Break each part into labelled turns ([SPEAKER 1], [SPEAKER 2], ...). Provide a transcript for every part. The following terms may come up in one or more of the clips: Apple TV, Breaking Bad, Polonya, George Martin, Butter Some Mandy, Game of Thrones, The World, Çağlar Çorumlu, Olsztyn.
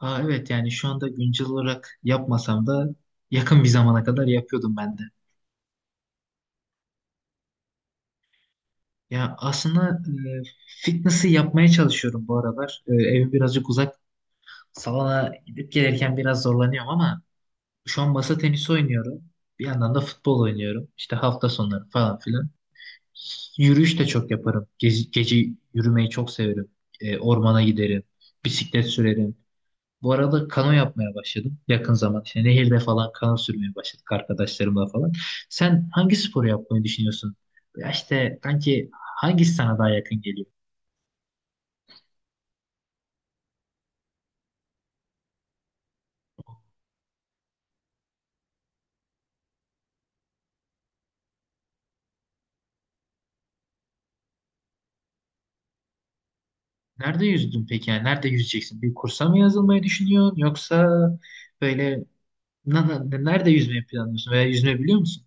[SPEAKER 1] Aa, evet yani şu anda güncel olarak yapmasam da yakın bir zamana kadar yapıyordum ben de. Ya aslında fitness'ı yapmaya çalışıyorum bu aralar. Evim birazcık uzak. Salona gidip gelirken biraz zorlanıyorum ama şu an masa tenisi oynuyorum. Bir yandan da futbol oynuyorum. İşte hafta sonları falan filan. Yürüyüş de çok yaparım. Gece yürümeyi çok severim. Ormana giderim. Bisiklet sürerim. Bu arada kano yapmaya başladım yakın zaman. İşte nehirde falan kano sürmeye başladık arkadaşlarımla falan. Sen hangi sporu yapmayı düşünüyorsun? Ya işte kanki, hangisi sana daha yakın geliyor? Nerede yüzdün peki? Yani nerede yüzeceksin? Bir kursa mı yazılmayı düşünüyorsun? Yoksa böyle nerede yüzmeyi planlıyorsun? Veya yüzme biliyor musun?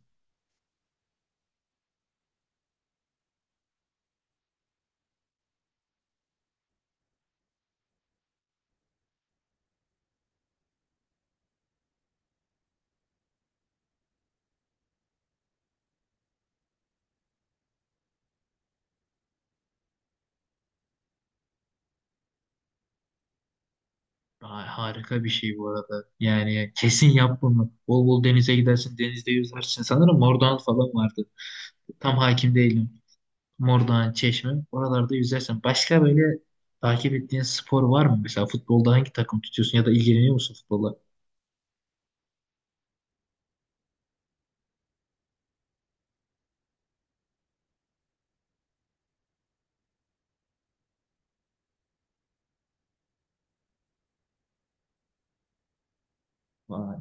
[SPEAKER 1] Ay, harika bir şey bu arada. Yani kesin yap bunu. Bol bol denize gidersin, denizde yüzersin. Sanırım Mordoğan falan vardı. Tam hakim değilim. Mordoğan, Çeşme. Oralarda yüzersen. Başka böyle takip ettiğin spor var mı? Mesela futbolda hangi takım tutuyorsun ya da ilgileniyor musun futbolla? Vay.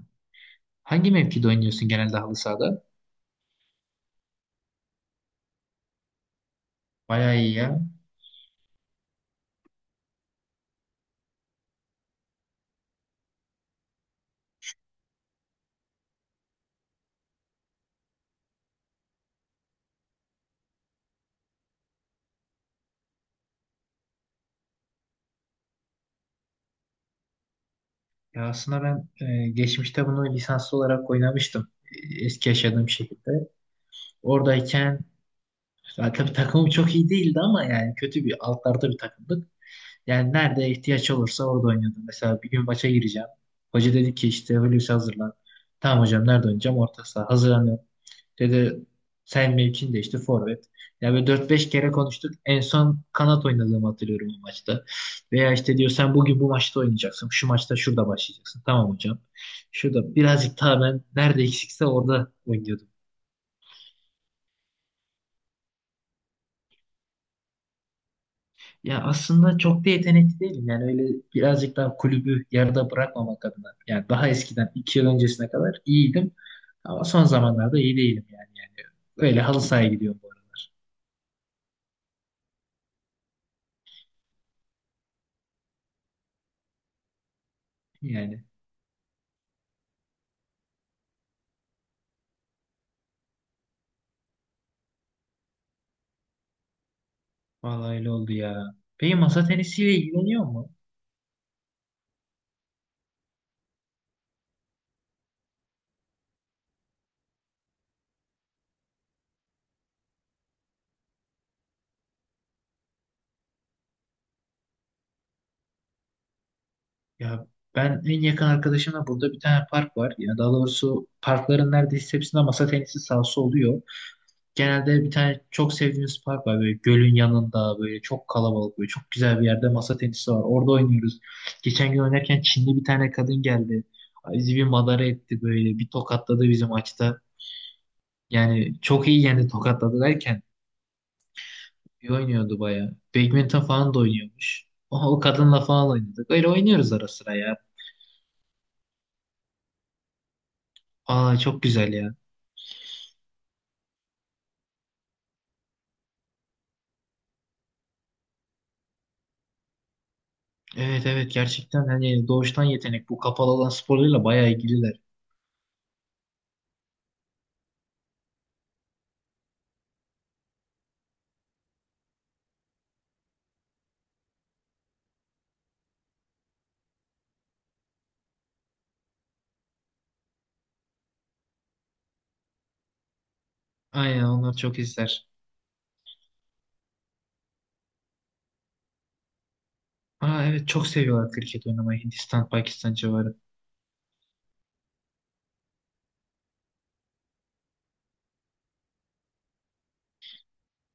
[SPEAKER 1] Hangi mevkide oynuyorsun genelde halı sahada? Bayağı iyi ya. Ya aslında ben geçmişte bunu lisanslı olarak oynamıştım. Eski yaşadığım şekilde. Oradayken ya tabii takımım çok iyi değildi ama yani kötü bir altlarda bir takımdık. Yani nerede ihtiyaç olursa orada oynuyordum. Mesela bir gün maça gireceğim. Hoca dedi ki işte, Hulusi hazırlan. Tamam hocam, nerede oynayacağım? Orta saha. Hazırlan. Ya da sen mevkin de işte forvet. Ya böyle dört beş kere konuştuk. En son kanat oynadığımı hatırlıyorum o maçta. Veya işte diyor, sen bugün bu maçta oynayacaksın. Şu maçta şurada başlayacaksın. Tamam hocam. Şurada birazcık daha ben nerede eksikse orada oynuyordum. Ya aslında çok da yetenekli değilim. Yani öyle birazcık daha kulübü yarıda bırakmamak adına. Yani daha eskiden 2 yıl öncesine kadar iyiydim. Ama son zamanlarda iyi değilim yani. Öyle halı sahaya gidiyorum bu aralar. Yani vallahi öyle oldu ya. Peki masa tenisiyle ilgileniyor mu? Ya ben en yakın arkadaşımla burada bir tane park var. Ya daha doğrusu parkların neredeyse hepsinde masa tenisi sahası oluyor. Genelde bir tane çok sevdiğimiz park var. Böyle gölün yanında, böyle çok kalabalık, böyle çok güzel bir yerde masa tenisi var. Orada oynuyoruz. Geçen gün oynarken Çinli bir tane kadın geldi. Bizi bir madara etti böyle. Bir tokatladı bizim maçta. Yani çok iyi yendi, tokatladı derken. Bir oynuyordu bayağı. Badminton falan da oynuyormuş. Oha, o kadınla falan oynadık. Öyle oynuyoruz ara sıra ya. Aa, çok güzel ya. Evet, evet, gerçekten hani doğuştan yetenek, bu kapalı alan sporlarıyla bayağı ilgililer. Aynen, onlar çok izler. Aa, evet, çok seviyorlar kriket oynamayı Hindistan, Pakistan civarı.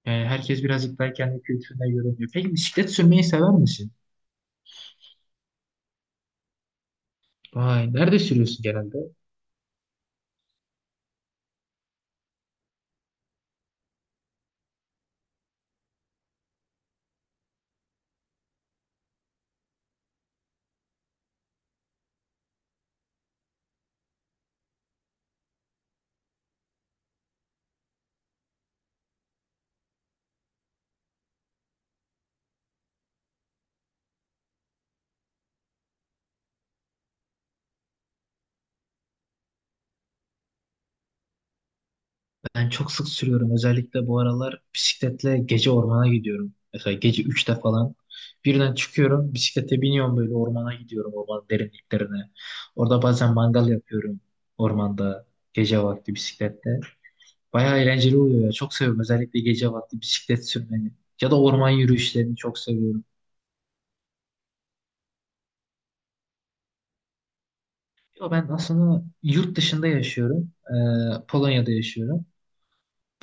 [SPEAKER 1] Yani herkes birazcık daha kendi kültürüne göre oynuyor. Peki bisiklet sürmeyi sever misin? Vay, nerede sürüyorsun genelde? Ben çok sık sürüyorum. Özellikle bu aralar bisikletle gece ormana gidiyorum. Mesela gece 3'te falan. Birden çıkıyorum, bisiklete biniyorum, böyle ormana gidiyorum, ormanın derinliklerine. Orada bazen mangal yapıyorum ormanda, gece vakti bisiklette. Bayağı eğlenceli oluyor ya. Çok seviyorum özellikle gece vakti bisiklet sürmeyi. Ya da orman yürüyüşlerini çok seviyorum. Ya ben aslında yurt dışında yaşıyorum. Polonya'da yaşıyorum.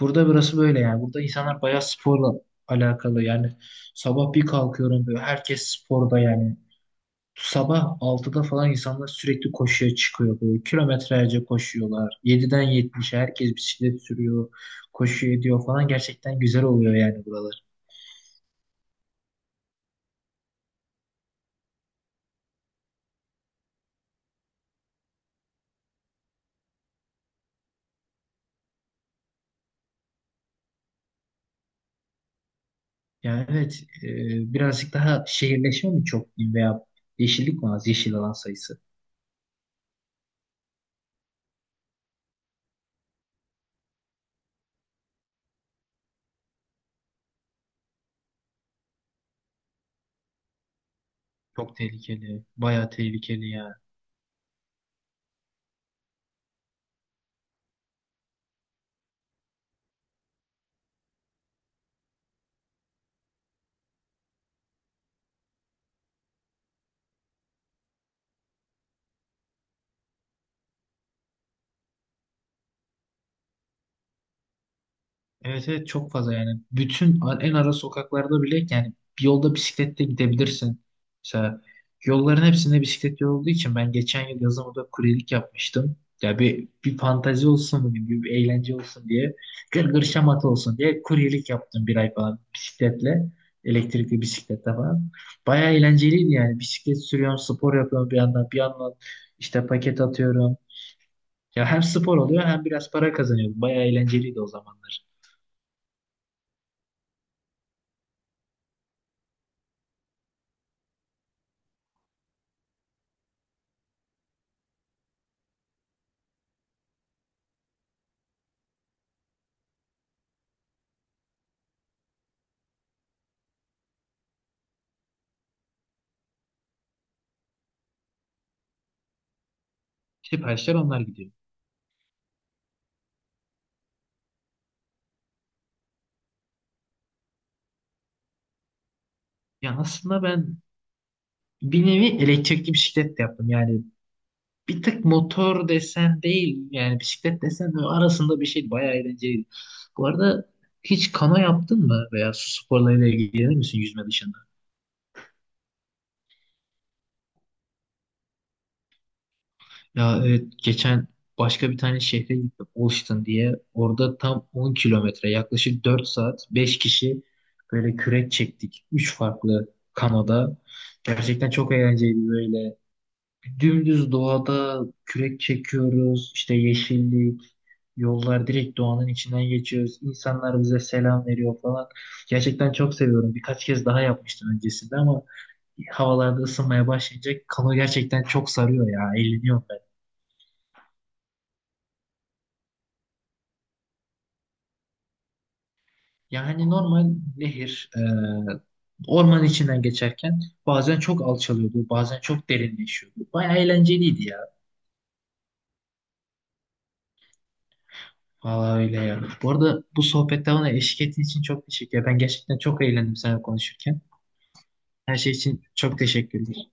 [SPEAKER 1] Burada, burası böyle yani. Burada insanlar bayağı sporla alakalı yani. Sabah bir kalkıyorum, böyle herkes sporda yani. Sabah 6'da falan insanlar sürekli koşuya çıkıyor böyle. Kilometrelerce koşuyorlar. Yediden yetmişe herkes bisiklet sürüyor. Koşu ediyor falan. Gerçekten güzel oluyor yani buralar. Yani evet, birazcık daha şehirleşme mi çok diyeyim, veya yeşillik mi az? Yeşil alan sayısı. Çok tehlikeli. Bayağı tehlikeli yani. Evet, evet, çok fazla yani. Bütün en ara sokaklarda bile yani bir yolda bisikletle gidebilirsin. Mesela yolların hepsinde bisiklet yolu olduğu için ben geçen yıl yazın orada kuryelik yapmıştım. Ya bir fantezi olsun gibi, bir eğlence olsun diye, gırgır şamata olsun diye kuryelik yaptım bir ay falan bisikletle. Elektrikli bisikletle falan. Bayağı eğlenceliydi yani. Bisiklet sürüyorum, spor yapıyorum bir yandan. Bir yandan işte paket atıyorum. Ya hem spor oluyor hem biraz para kazanıyorum. Bayağı eğlenceliydi o zamanlar. Siparişler onlar gidiyor. Ya aslında ben bir nevi elektrikli bisiklet de yaptım. Yani bir tık motor desen değil, yani bisiklet desen de, arasında bir şey, bayağı eğlenceliydi. Bu arada hiç kano yaptın mı veya su sporlarıyla ilgilenir misin yüzme dışında? Ya evet, geçen başka bir tane şehre gittim, Olştun diye. Orada tam 10 kilometre, yaklaşık 4 saat, 5 kişi böyle kürek çektik. 3 farklı kanoda. Gerçekten çok eğlenceliydi böyle. Dümdüz doğada kürek çekiyoruz, işte yeşillik, yollar direkt doğanın içinden geçiyoruz. İnsanlar bize selam veriyor falan. Gerçekten çok seviyorum. Birkaç kez daha yapmıştım öncesinde ama havalarda ısınmaya başlayınca kano gerçekten çok sarıyor ya. Eğleniyorum ben. Yani normal nehir, orman içinden geçerken bazen çok alçalıyordu, bazen çok derinleşiyordu. Bayağı eğlenceliydi ya. Vallahi öyle ya. Bu arada bu sohbette bana eşlik ettiğin için çok teşekkür ederim. Ben gerçekten çok eğlendim seninle konuşurken. Her şey için çok teşekkürler.